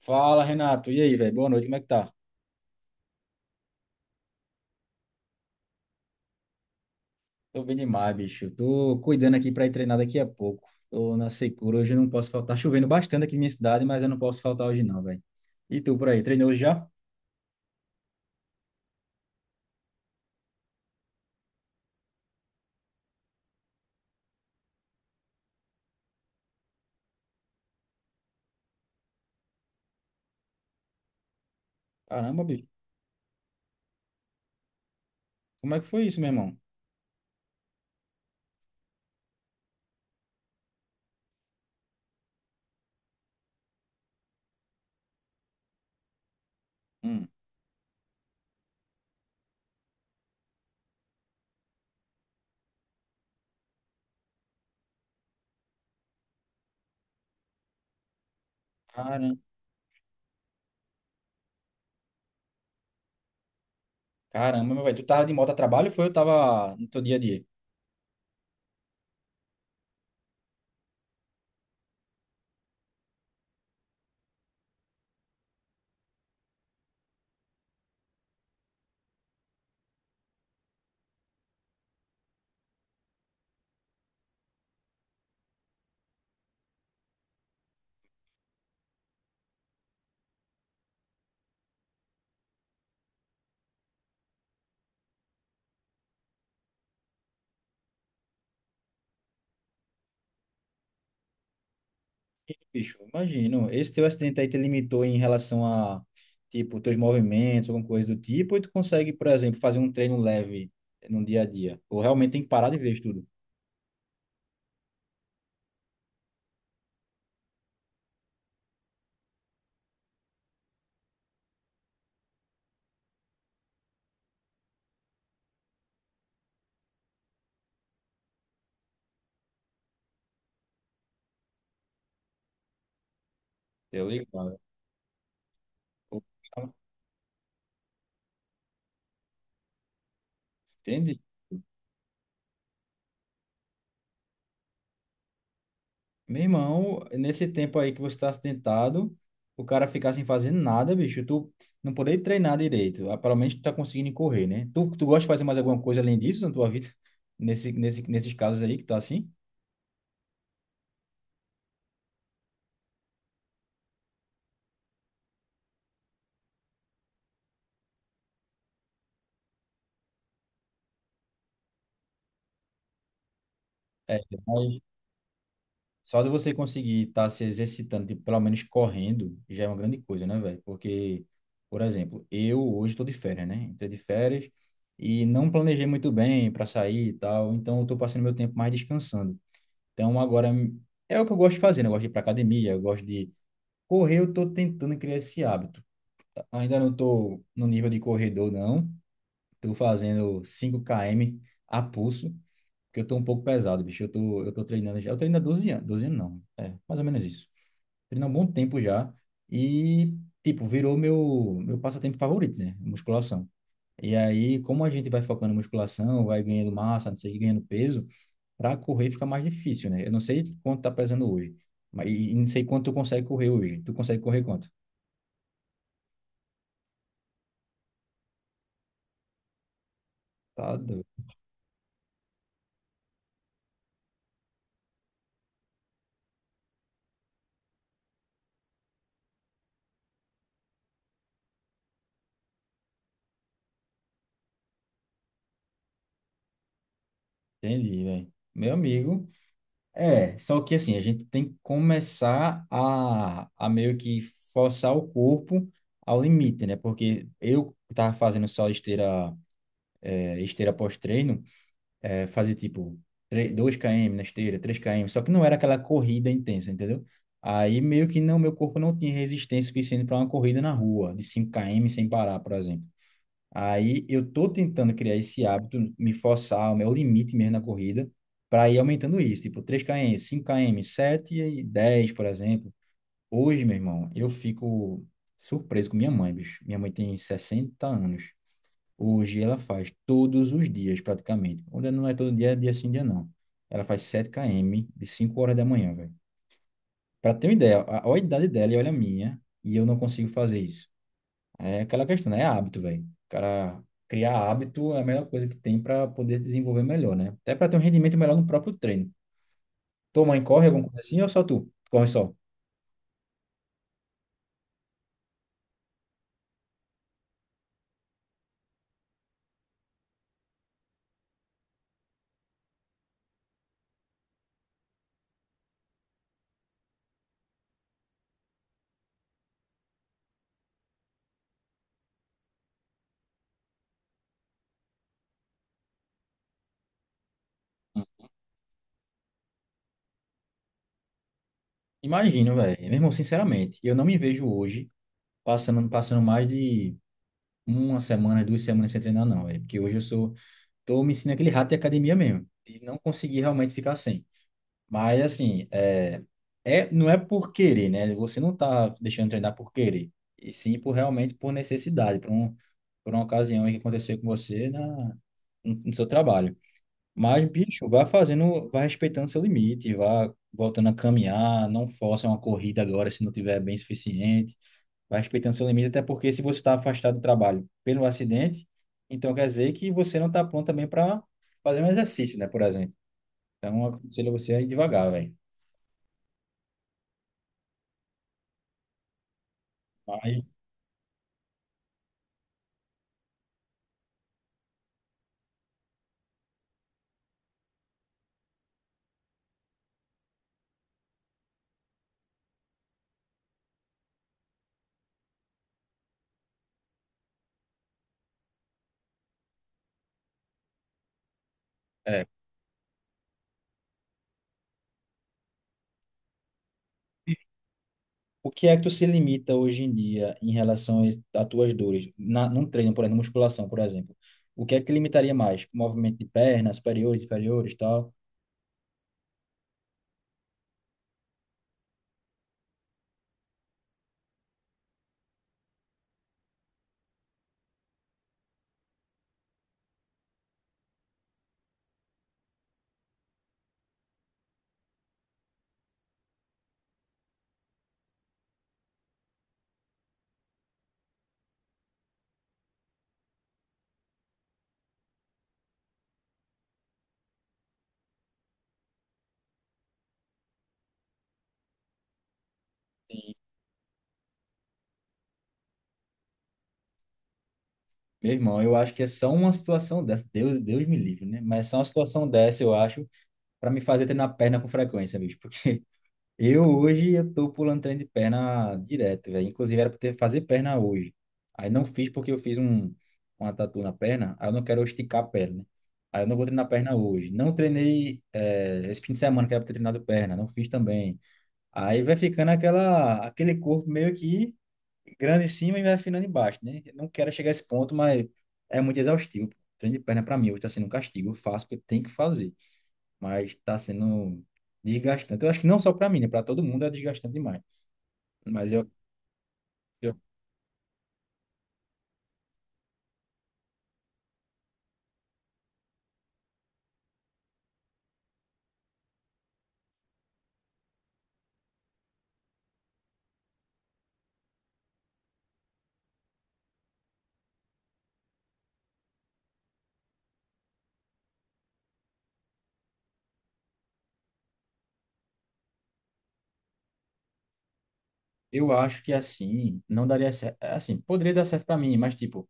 Fala, Renato. E aí, velho? Boa noite, como é que tá? Tô bem demais, bicho. Tô cuidando aqui pra ir treinar daqui a pouco. Tô na secura, hoje eu não posso faltar. Tá chovendo bastante aqui na minha cidade, mas eu não posso faltar hoje não, velho. E tu por aí, treinou hoje já? Caramba, bicho. Como é que foi isso, meu irmão? Hum. Caramba, meu velho. Tu tava de moto a trabalho ou foi? Eu tava no teu dia a dia? Bicho, imagino. Esse teu acidente aí te limitou em relação a, tipo, teus movimentos, alguma coisa do tipo, ou tu consegue, por exemplo, fazer um treino leve no dia a dia? Ou realmente tem que parar de vez tudo? Deu ligado. O cara- Entende? Meu irmão, nesse tempo aí que você tá acidentado, o cara ficar sem fazer nada, bicho, tu não poder treinar direito. Ah, pelo menos tu tá conseguindo correr, né? Tu gosta de fazer mais alguma coisa além disso na tua vida? Nesses casos aí que tá assim? É, mas só de você conseguir estar se exercitando, tipo, pelo menos correndo, já é uma grande coisa, né, velho? Porque, por exemplo, eu hoje estou de férias, né? Entrei de férias e não planejei muito bem para sair e tal, então eu estou passando meu tempo mais descansando. Então, agora é o que eu gosto de fazer, né? Eu gosto de ir para academia, eu gosto de correr, eu tô tentando criar esse hábito. Ainda não tô no nível de corredor, não. Tô fazendo cinco km a pulso, porque eu tô um pouco pesado, bicho. Eu tô treinando já. Eu treino há 12 anos, 12 anos não, é, mais ou menos isso. Treino há um bom tempo já e, tipo, virou meu passatempo favorito, né? Musculação. E aí, como a gente vai focando em musculação, vai ganhando massa, não sei, o quê, ganhando peso, para correr fica mais difícil, né? Eu não sei quanto tá pesando hoje, mas e não sei quanto tu consegue correr hoje. Tu consegue correr quanto? Tá doido. Entendi, velho. Meu amigo. É, só que assim, a gente tem que começar a meio que forçar o corpo ao limite, né? Porque eu tava fazendo só esteira, esteira pós-treino. É, fazia tipo dois 2 km na esteira, três km, só que não era aquela corrida intensa, entendeu? Aí meio que não, meu corpo não tinha resistência suficiente para uma corrida na rua, de cinco km sem parar, por exemplo. Aí eu tô tentando criar esse hábito, me forçar, o meu limite mesmo na corrida, para ir aumentando isso, tipo três km, cinco km, 7 e 10, por exemplo. Hoje, meu irmão, eu fico surpreso com minha mãe, bicho. Minha mãe tem 60 anos. Hoje ela faz todos os dias, praticamente. Onde não é todo dia, é dia sim, dia não. Ela faz sete km de 5 horas da manhã, velho. Pra ter uma ideia, olha a idade dela e olha a minha, e eu não consigo fazer isso. É aquela questão, né? É hábito, velho. O cara criar hábito é a melhor coisa que tem para poder desenvolver melhor, né? Até para ter um rendimento melhor no próprio treino. Tua mãe corre alguma coisa assim ou só tu? Corre só. Hum. Imagino, velho. Meu irmão, sinceramente, eu não me vejo hoje passando mais de uma semana, duas semanas sem treinar, não, velho. Porque hoje eu sou. Tô me ensinando aquele rato de academia mesmo, de não conseguir realmente ficar sem. Mas, assim, não é por querer, né? Você não tá deixando treinar por querer, e sim por realmente por necessidade, por uma ocasião aí que aconteceu com você no seu trabalho. Mas, bicho, vá fazendo, vá respeitando seu limite, vá voltando a caminhar, não força uma corrida agora se não tiver bem suficiente. Vai respeitando seu limite, até porque se você está afastado do trabalho pelo acidente, então quer dizer que você não está pronto também para fazer um exercício, né, por exemplo. Então, eu aconselho você a ir devagar, velho. Mas, é, o que é que tu se limita hoje em dia em relação às tuas dores? Num treino, por exemplo, na musculação, por exemplo. O que é que te limitaria mais? Movimento de pernas, superiores, inferiores, tal? Meu irmão, eu acho que é só uma situação dessa. Deus me livre, né? Mas é só uma situação dessa, eu acho, para me fazer treinar perna com frequência, bicho. Porque eu hoje eu tô pulando treino de perna direto, velho. Inclusive era pra ter fazer perna hoje. Aí não fiz porque uma tatu na perna, aí eu não quero esticar a perna, né? Aí eu não vou treinar perna hoje. Não treinei esse fim de semana que era pra ter treinado perna, não fiz também. Aí vai ficando aquele corpo meio que grande em cima e vai afinando embaixo, né? Eu não quero chegar a esse ponto, mas é muito exaustivo. Treino de perna pra mim hoje tá sendo um castigo. Eu faço porque tem que fazer, mas está sendo desgastante. Eu acho que não só para mim, né? Para todo mundo é desgastante demais. Mas eu, eu, eu acho que assim, não daria certo. Assim, poderia dar certo para mim, mas tipo,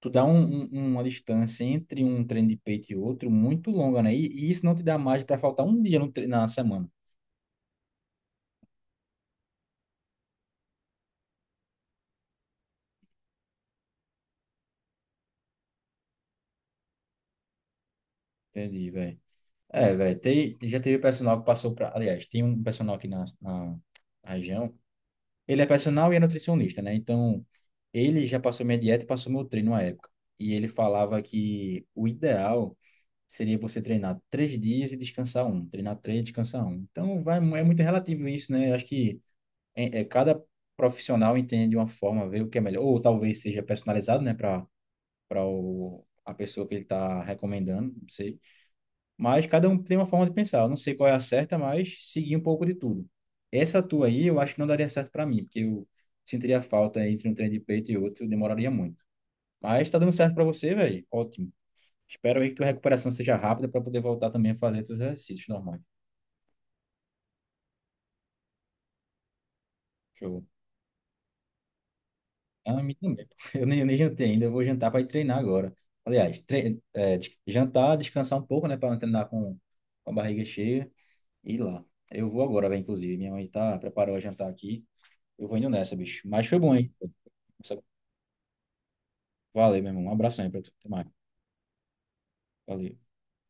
tu dá um, um- uma distância entre um treino de peito e outro muito longa, né? E isso não te dá mais para faltar um dia no tre- na semana. Entendi, velho. É, velho, já teve personal que passou para. Aliás, tem um personal aqui na região. Ele é personal e é nutricionista, né? Então, ele já passou minha dieta e passou meu treino à época. E ele falava que o ideal seria você treinar 3 dias e descansar um. Treinar 3 e descansar um. Então, vai, é muito relativo isso, né? Eu acho que cada profissional entende de uma forma, vê o que é melhor. Ou talvez seja personalizado, né? Para a pessoa que ele está recomendando, não sei. Mas cada um tem uma forma de pensar. Eu não sei qual é a certa, mas segui um pouco de tudo. Essa tua aí, eu acho que não daria certo para mim, porque eu sentiria falta entre um treino de peito e outro, eu demoraria muito. Mas tá dando certo para você, velho. Ótimo. Espero aí que tua recuperação seja rápida para poder voltar também a fazer teus exercícios normais. Show. Ah, me também. Pô. Eu nem jantei ainda, eu vou jantar para ir treinar agora. Aliás, jantar, descansar um pouco, né, para não treinar com a barriga cheia e ir lá. Eu vou agora, velho, inclusive. Minha mãe tá preparou a jantar aqui. Eu vou indo nessa, bicho. Mas foi bom, hein? Valeu, meu irmão. Um abração aí pra tu. Até mais. Valeu.